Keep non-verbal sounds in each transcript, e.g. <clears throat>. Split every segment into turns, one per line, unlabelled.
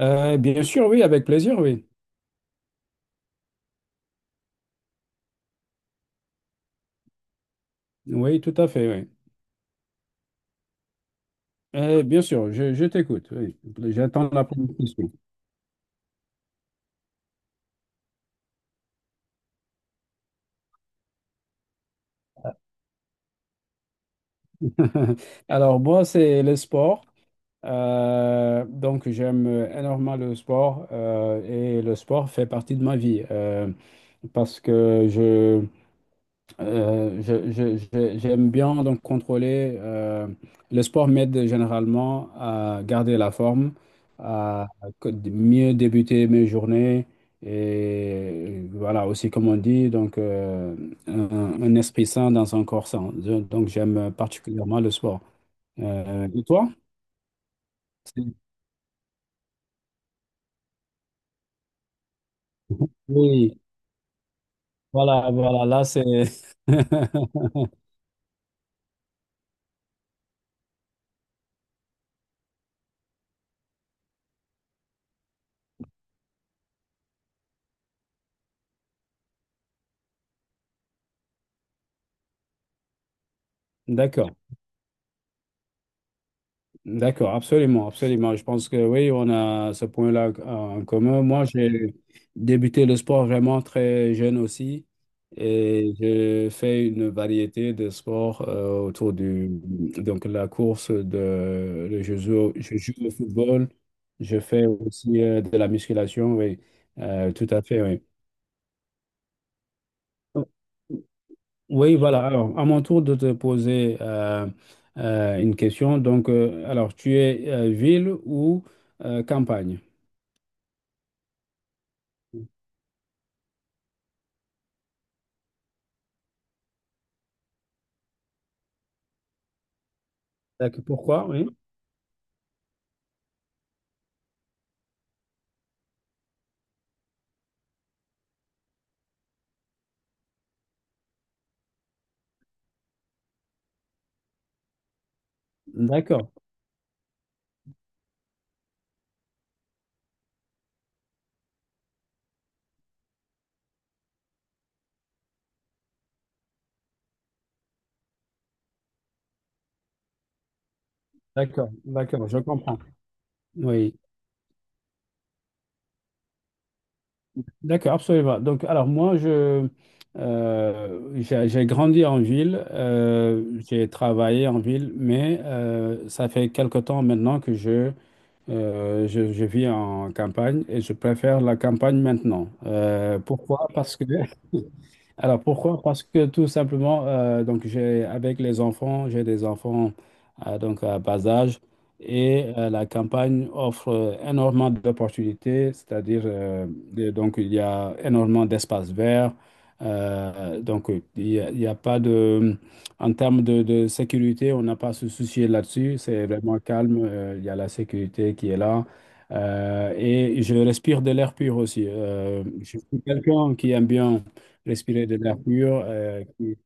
Bien sûr, oui, avec plaisir, oui. Oui, tout à fait, oui. Bien sûr, je t'écoute, oui. J'attends la première question. <laughs> Alors, moi, c'est le sport. Donc, j'aime énormément le sport et le sport fait partie de ma vie parce que j'aime bien donc contrôler. Le sport m'aide généralement à garder la forme, à mieux débuter mes journées et voilà aussi comme on dit un esprit sain dans un corps sain. Donc j'aime particulièrement le sport. Et toi? C'est- Oui, voilà, voilà, là c'est. <laughs> D'accord. D'accord, absolument, absolument. Je pense que oui, on a ce point-là en commun. Moi, j'ai débuté le sport vraiment très jeune aussi et j'ai fait une variété de sports autour du, donc la course de, je joue au football, je fais aussi de la musculation, oui. Tout à fait, oui. Oui, voilà. Alors, à mon tour de te poser une question. Donc, alors, tu es ville ou campagne? D'accord. Pourquoi? Oui. D'accord. D'accord. D'accord. Je comprends. Oui. D'accord. Absolument. Donc, alors, moi, j'ai grandi en ville. J'ai travaillé en ville, mais ça fait quelque temps maintenant que je vis en campagne et je préfère la campagne maintenant. Pourquoi? Parce que Alors pourquoi? Parce que tout simplement, donc j'ai des enfants donc à bas âge et la campagne offre énormément d'opportunités, c'est-à-dire donc il y a énormément d'espaces verts, il y a pas de, en termes de sécurité, on n'a pas à se soucier là-dessus, c'est vraiment calme, il y a la sécurité qui est là. Et je respire de l'air pur aussi. Je suis quelqu'un qui aime bien respirer de l'air pur.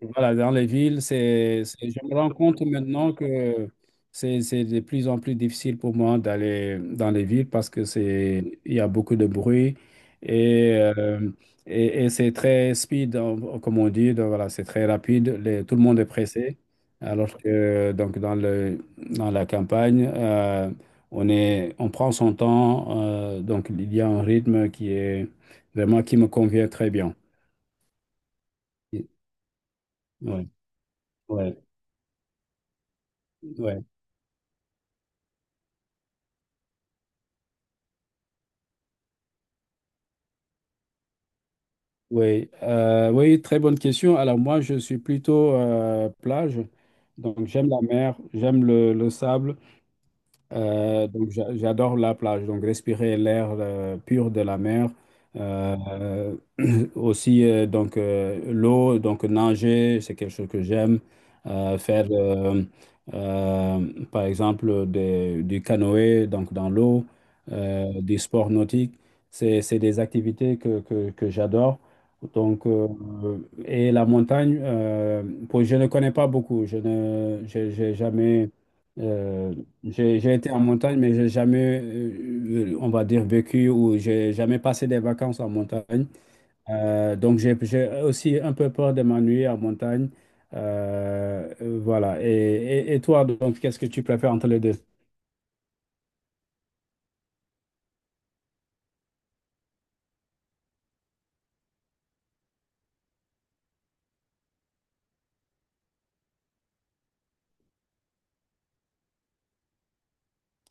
Voilà, dans les villes, je me rends compte maintenant que c'est de plus en plus difficile pour moi d'aller dans les villes parce que il y a beaucoup de bruit et, et c'est très speed, hein, comme on dit, donc voilà, c'est très rapide, tout le monde est pressé. Alors que donc dans la campagne, on prend son temps, donc il y a un rythme qui est vraiment qui me convient très bien. Ouais, ouais, ouais, ouais. Oui, très bonne question. Alors moi, je suis plutôt plage, donc j'aime la mer, j'aime le sable. Donc j'adore la plage, donc respirer l'air pur de la mer. Euh, <clears throat> Aussi l'eau, donc nager, c'est quelque chose que j'aime. Faire euh, par exemple du canoë donc dans l'eau, du sport nautique, c'est des activités que j'adore. Donc euh, et la montagne, je ne connais pas beaucoup, je ne j'ai jamais euh, j'ai été en montagne, mais j'ai jamais, on va dire, vécu ou j'ai jamais passé des vacances en montagne. Donc, j'ai aussi un peu peur de m'ennuyer en montagne. Voilà. Et toi, donc, qu'est-ce que tu préfères entre les deux?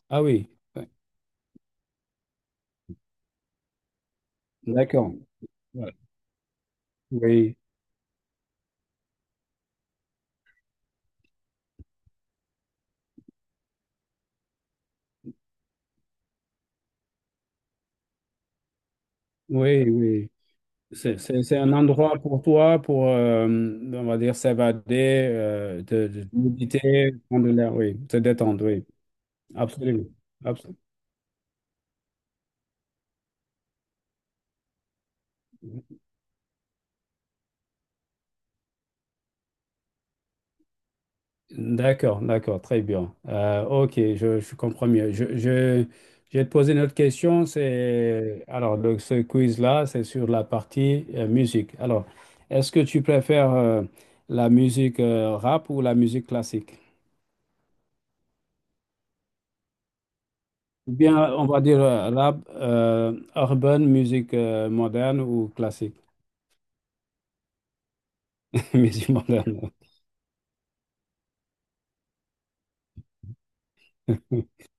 Ah oui, d'accord. Ouais. Oui, oui, oui. C'est un endroit pour toi, pour, on va dire, s'évader, de méditer, prendre l'air, oui, se détendre, oui. Absolument. Absolument. D'accord, d'accord, très bien. Ok, je comprends mieux. Je vais te poser une autre question. Alors, ce quiz-là, c'est sur la partie musique. Alors, est-ce que tu préfères la musique rap ou la musique classique? Ou bien, on va dire rap, urban, musique moderne ou classique? <laughs> Musique moderne. <laughs>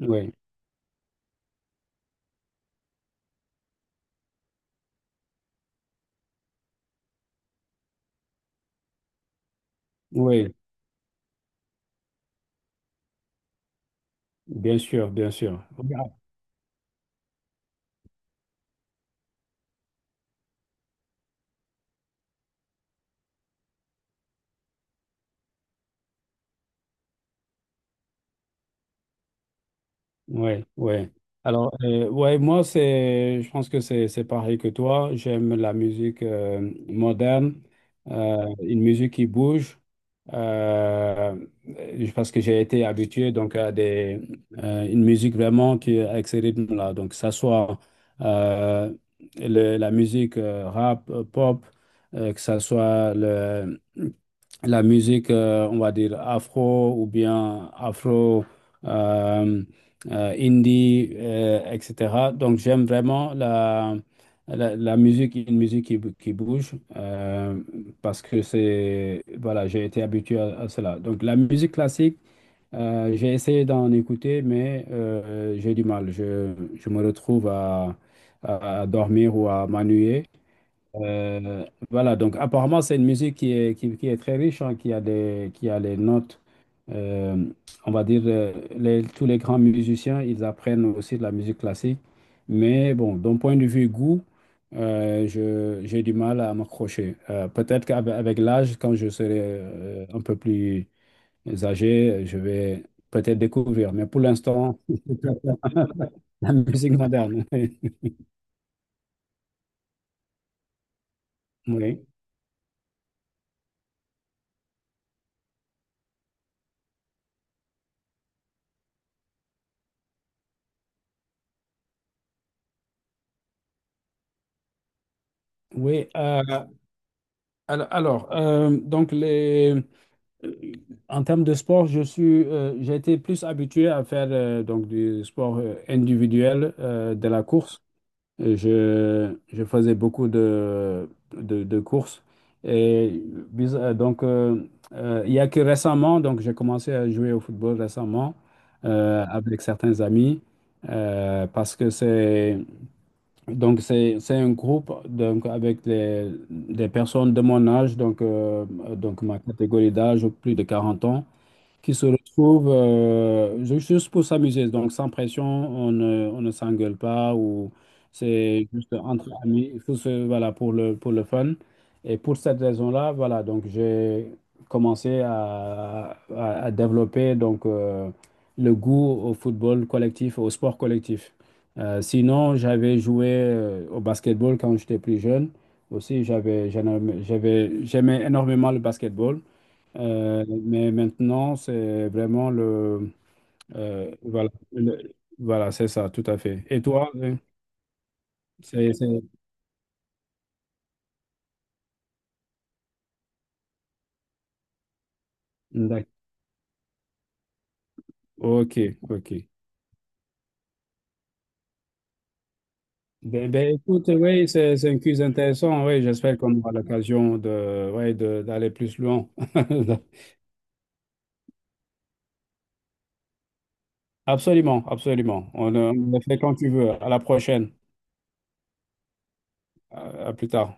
Oui, oui, bien sûr, bien sûr. Ouais, ouais. Alors, ouais, moi, je pense que c'est pareil que toi. J'aime la musique moderne, une musique qui bouge, euh, parce que j'ai été habitué donc une musique vraiment qui avec ce rythme-là. Donc, que ça soit euh, la musique rap, pop, que ça soit le la musique, on va dire afro ou bien afro, euh, indie, etc. Donc j'aime vraiment la musique, une musique qui bouge, parce que voilà, j'ai été habitué à cela. Donc la musique classique, j'ai essayé d'en écouter, mais j'ai du mal. Je me retrouve à dormir ou à m'ennuyer. Euh, voilà, donc apparemment c'est une musique qui est très riche, hein, qui a les notes, euh, on va dire, tous les grands musiciens, ils apprennent aussi de la musique classique. Mais bon, d'un point de vue goût, j'ai du mal à m'accrocher. Peut-être qu'avec l'âge, quand je serai un peu plus âgé, je vais peut-être découvrir. Mais pour l'instant, <laughs> je préfère la musique moderne. <laughs> Oui, oui. Alors, donc les... Euh, En termes de sport, j'ai été plus habitué à faire donc du sport individuel, de la course. Je faisais beaucoup de courses. Et bis- euh, donc, euh, il y a que récemment, donc j'ai commencé à jouer au football récemment avec certains amis parce que c'est un groupe donc, avec des personnes de mon âge, donc ma catégorie d'âge, plus de 40 ans qui se retrouvent juste pour s'amuser. Donc, sans pression, on ne s'engueule pas ou c'est juste entre amis. Voilà, pour pour le fun. Et pour cette raison-là, voilà, donc j'ai commencé à développer donc, le goût au football collectif, au sport collectif. Sinon, j'avais joué au basketball quand j'étais plus jeune. Aussi, j'avais, j'en aimais- j'avais, j'aimais énormément le basketball. Mais maintenant, c'est vraiment le... voilà, voilà, c'est ça, tout à fait. Et toi, c'est... c'est- d'ac- Ok, ok. Ben, écoute, oui, c'est un quiz intéressant. Oui, j'espère qu'on aura l'occasion ouais, d'aller plus loin. <laughs> Absolument, absolument. On le fait quand tu veux. À la prochaine. À plus tard.